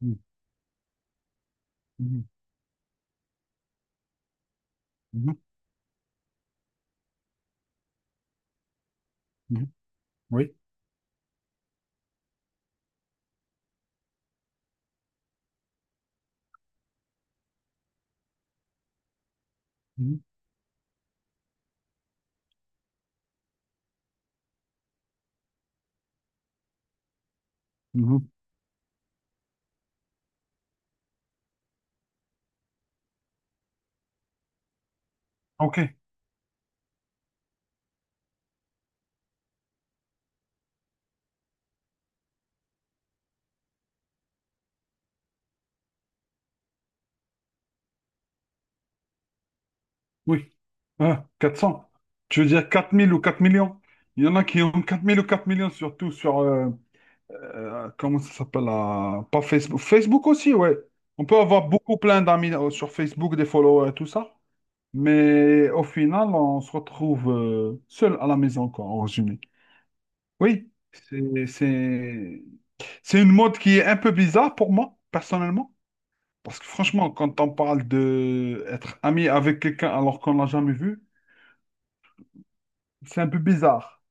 Mhm, mhm, mhm, mhm. Oui. Mhm, mhm. Ok, oui. Ah, 400. Tu veux dire 4 000 ou 4 000 000? Il y en a qui ont 4 000 ou 4 millions, surtout sur, comment ça s'appelle, pas Facebook. Facebook aussi, ouais. On peut avoir beaucoup plein d'amis sur Facebook, des followers et tout ça. Mais au final, on se retrouve seul à la maison, quoi, en résumé. Oui, c'est une mode qui est un peu bizarre pour moi, personnellement. Parce que franchement, quand on parle de être ami avec quelqu'un alors qu'on l'a jamais vu, c'est un peu bizarre.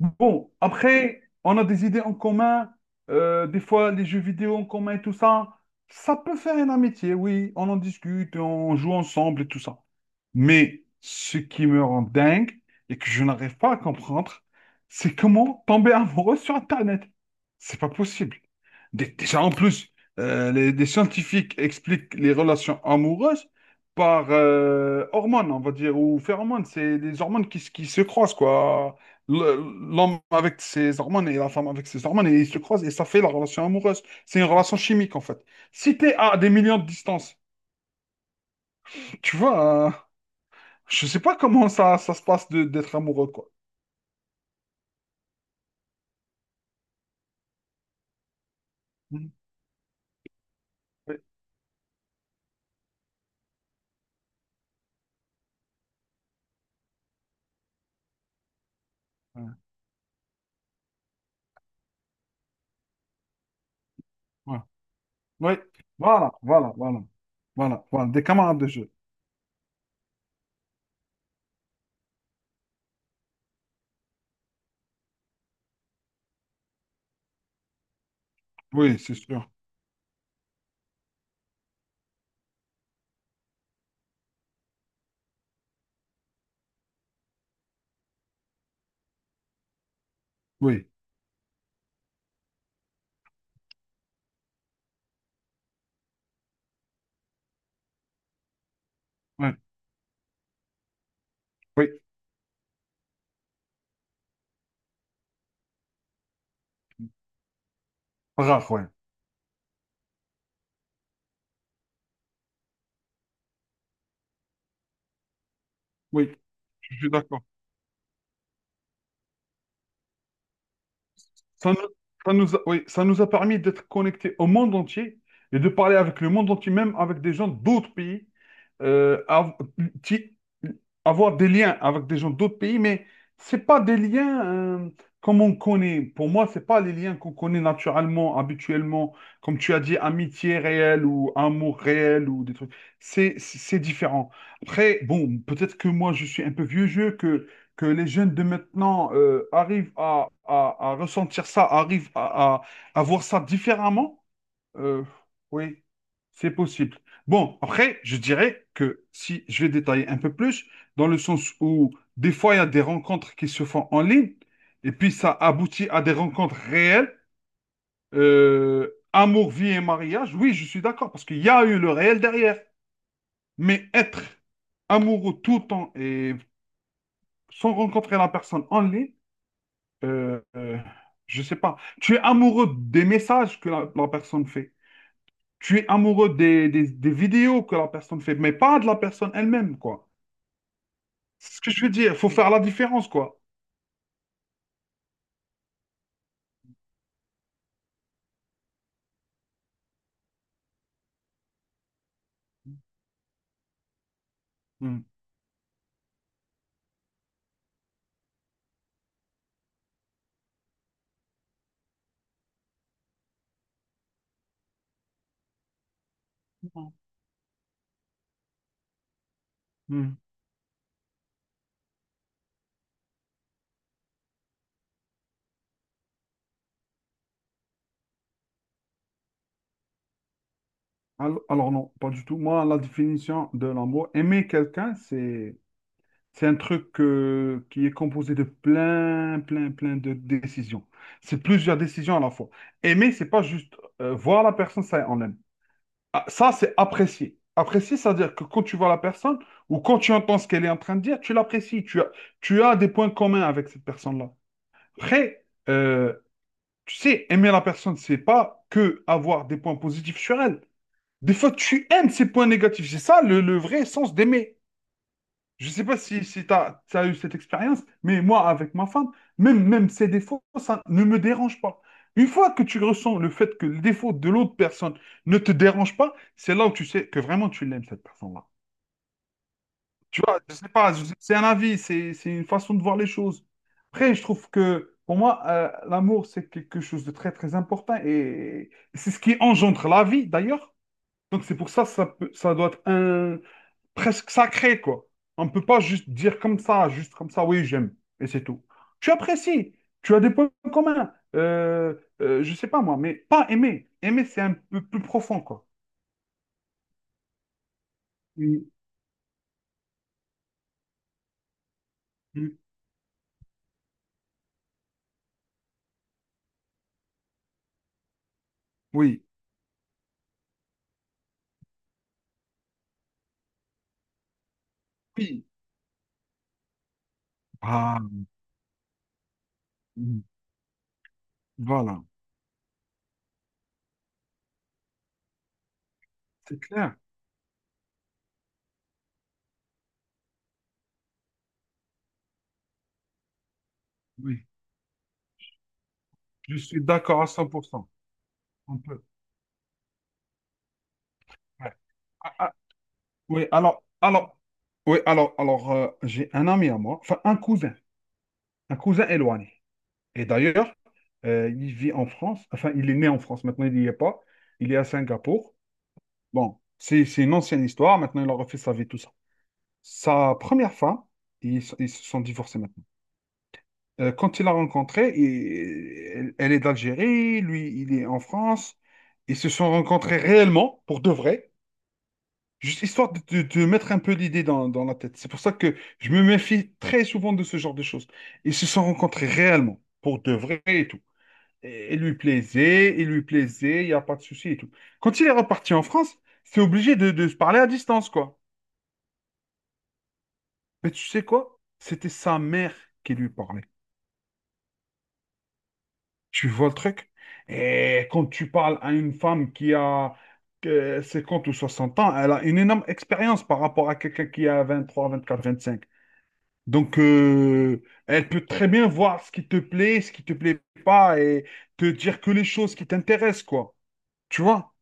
Bon, après, on a des idées en commun, des fois les jeux vidéo en commun et tout ça. Ça peut faire une amitié, oui. On en discute, on joue ensemble et tout ça. Mais ce qui me rend dingue et que je n'arrive pas à comprendre, c'est comment tomber amoureux sur Internet. C'est pas possible. Déjà, en plus, des scientifiques expliquent les relations amoureuses par hormones, on va dire, ou phéromones. C'est des hormones qui se croisent, quoi. L'homme avec ses hormones et la femme avec ses hormones, et ils se croisent et ça fait la relation amoureuse. C'est une relation chimique en fait. Si t'es à des millions de distance, tu vois, je sais pas comment ça se passe d'être amoureux quoi. Mhm. Oui, ouais, ouais. Oui. Voilà, voilà, voilà, voilà, voilà, des camarades de jeu. Oui, c'est sûr. Oui, oui, oui, rare, ouais. Oui, je suis d'accord. Ça nous, oui, ça nous a permis d'être connectés au monde entier et de parler avec le monde entier, même avec des gens d'autres pays, euh, av- qui- avoir des liens avec des gens d'autres pays, mais c'est pas des liens euh, comme on connaît. Pour moi, c'est pas les liens qu'on connaît naturellement, habituellement, comme tu as dit, amitié réelle ou amour réel ou des trucs. C'est différent. Après, bon, peut-être que moi, je suis un peu vieux jeu, que les jeunes de maintenant arrivent à, à ressentir ça, arrivent à, à voir ça différemment, euh, oui, c'est possible. Bon, après, je dirais que si je vais détailler un peu plus, dans le sens où des fois, il y a des rencontres qui se font en ligne, et puis ça aboutit à des rencontres réelles, amour, vie et mariage, oui, je suis d'accord, parce qu'il y a eu le réel derrière, mais être amoureux tout le temps et sans rencontrer la personne en ligne, Euh, euh, je sais pas. Tu es amoureux des messages que la personne fait. Tu es amoureux des vidéos que la personne fait, mais pas de la personne elle-même, quoi. C'est ce que je veux dire. Il faut faire la différence, quoi. Hmm. Non. Hmm. Alors non, pas du tout. Moi, la définition de l'amour, aimer quelqu'un, c'est un truc qui est composé de plein, plein, plein de décisions. C'est plusieurs décisions à la fois. Aimer, c'est pas juste voir la personne, ça, on l'aime. Ah, ça, c'est apprécier. Apprécier, c'est-à-dire que quand tu vois la personne ou quand tu entends ce qu'elle est en train de dire, tu l'apprécies. Tu as des points communs avec cette personne-là. Après, euh, tu sais, aimer la personne, c'est pas que avoir des points positifs sur elle. Des fois, tu aimes ses points négatifs. C'est ça le vrai sens d'aimer. Je sais pas si tu as, eu cette expérience, mais moi, avec ma femme, même ses défauts, ça ne me dérange pas. Une fois que tu ressens le fait que le défaut de l'autre personne ne te dérange pas, c'est là où tu sais que vraiment tu l'aimes, cette personne-là. Tu vois, je sais pas, c'est un avis, c'est une façon de voir les choses. Après, je trouve que pour moi, l'amour, c'est quelque chose de très, très important et c'est ce qui engendre la vie, d'ailleurs. Donc, c'est pour ça, ça doit être un, presque sacré, quoi. On ne peut pas juste dire comme ça, juste comme ça, oui, j'aime, et c'est tout. Tu apprécies, tu as des points communs, je sais pas moi, mais pas aimer. Aimer, c'est un peu plus profond, quoi. Mm, mm, oui, oui. Ah, mm, voilà, c'est clair. Oui, je suis d'accord à 100%. On peut. Ouais. Ah, ah, oui, oui, j'ai un ami à moi, enfin un cousin éloigné. Et d'ailleurs, il vit en France, enfin, il est né en France, maintenant il n'y est pas, il est à Singapour. Bon, c'est une ancienne histoire, maintenant il a refait sa vie, tout ça. Sa première femme, ils se sont divorcés maintenant. Quand il l'a rencontrée, elle est d'Algérie, lui, il est en France. Ils se sont rencontrés réellement, pour de vrai, juste histoire de mettre un peu l'idée dans la tête. C'est pour ça que je me méfie très souvent de ce genre de choses. Ils se sont rencontrés réellement, pour de vrai et tout. Et il lui plaisait, il lui plaisait, il n'y a pas de souci et tout. Quand il est reparti en France, c'est obligé de se parler à distance, quoi. Mais tu sais quoi? C'était sa mère qui lui parlait. Tu vois le truc? Et quand tu parles à une femme qui a 50 ou 60 ans, elle a une énorme expérience par rapport à quelqu'un qui a 23, 24, 25. Donc, elle peut très bien voir ce qui te plaît, ce qui te plaît pas et te dire que les choses qui t'intéressent, quoi. Tu vois?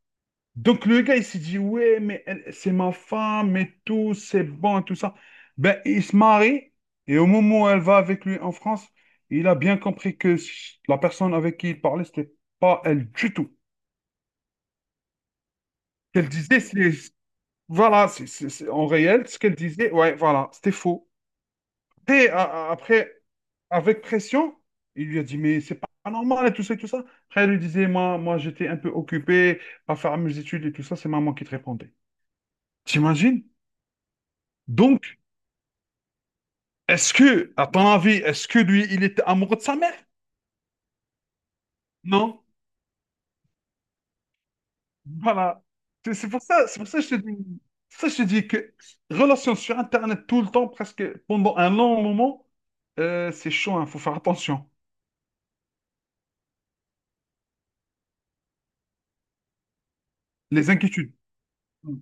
Donc le gars, il s'est dit, ouais, mais c'est ma femme et tout, c'est bon et tout ça. Ben, il se marie et au moment où elle va avec lui en France, il a bien compris que la personne avec qui il parlait, c'était pas elle du tout. Qu'elle disait, c'est, voilà, c'est en réel, ce qu'elle disait, ouais, voilà, c'était faux. Et après, avec pression, il lui a dit, mais c'est pas normal et tout ça et tout ça. Après, elle lui disait, moi, j'étais un peu occupé à faire mes études et tout ça, c'est maman qui te répondait. T'imagines? Donc, est-ce que, à ton avis, est-ce que lui, il était amoureux de sa mère? Non. Voilà. C'est pour ça, c'est pour ça que je te dis, c'est pour ça que je te dis que relation sur Internet tout le temps, presque pendant un long moment, c'est chaud, il faut faire attention. Les inquiétudes. Mm.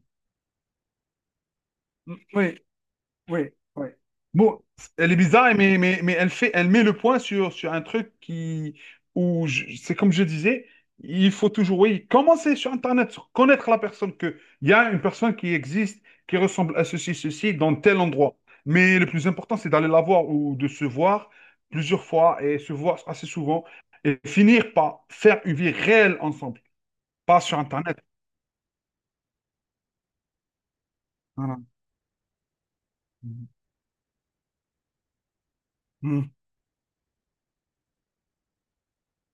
Mm. Oui. Oui, oui. Bon, elle est bizarre, mais elle met le point sur un truc qui, où c'est comme je disais, il faut toujours, oui, commencer sur Internet, sur connaître la personne que, il y a une personne qui existe, qui ressemble à ceci, ceci, dans tel endroit. Mais le plus important, c'est d'aller la voir ou de se voir plusieurs fois et se voir assez souvent et finir par faire une vie réelle ensemble, pas sur Internet. Voilà. Mhm.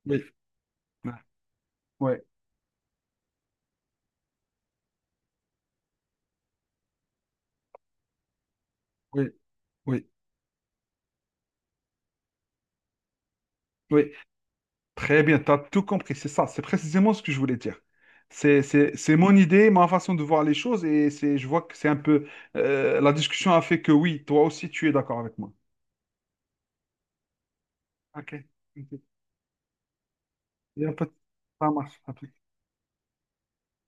Oui. Ouais. Ouais. Oui. Oui. Oui. Très bien, tu as tout compris, c'est ça, c'est précisément ce que je voulais dire. C'est mon idée, ma façon de voir les choses, et c'est, je vois que c'est un peu. La discussion a fait que oui, toi aussi, tu es d'accord avec moi. Ok, ok. Il y a un peu. Ça marche.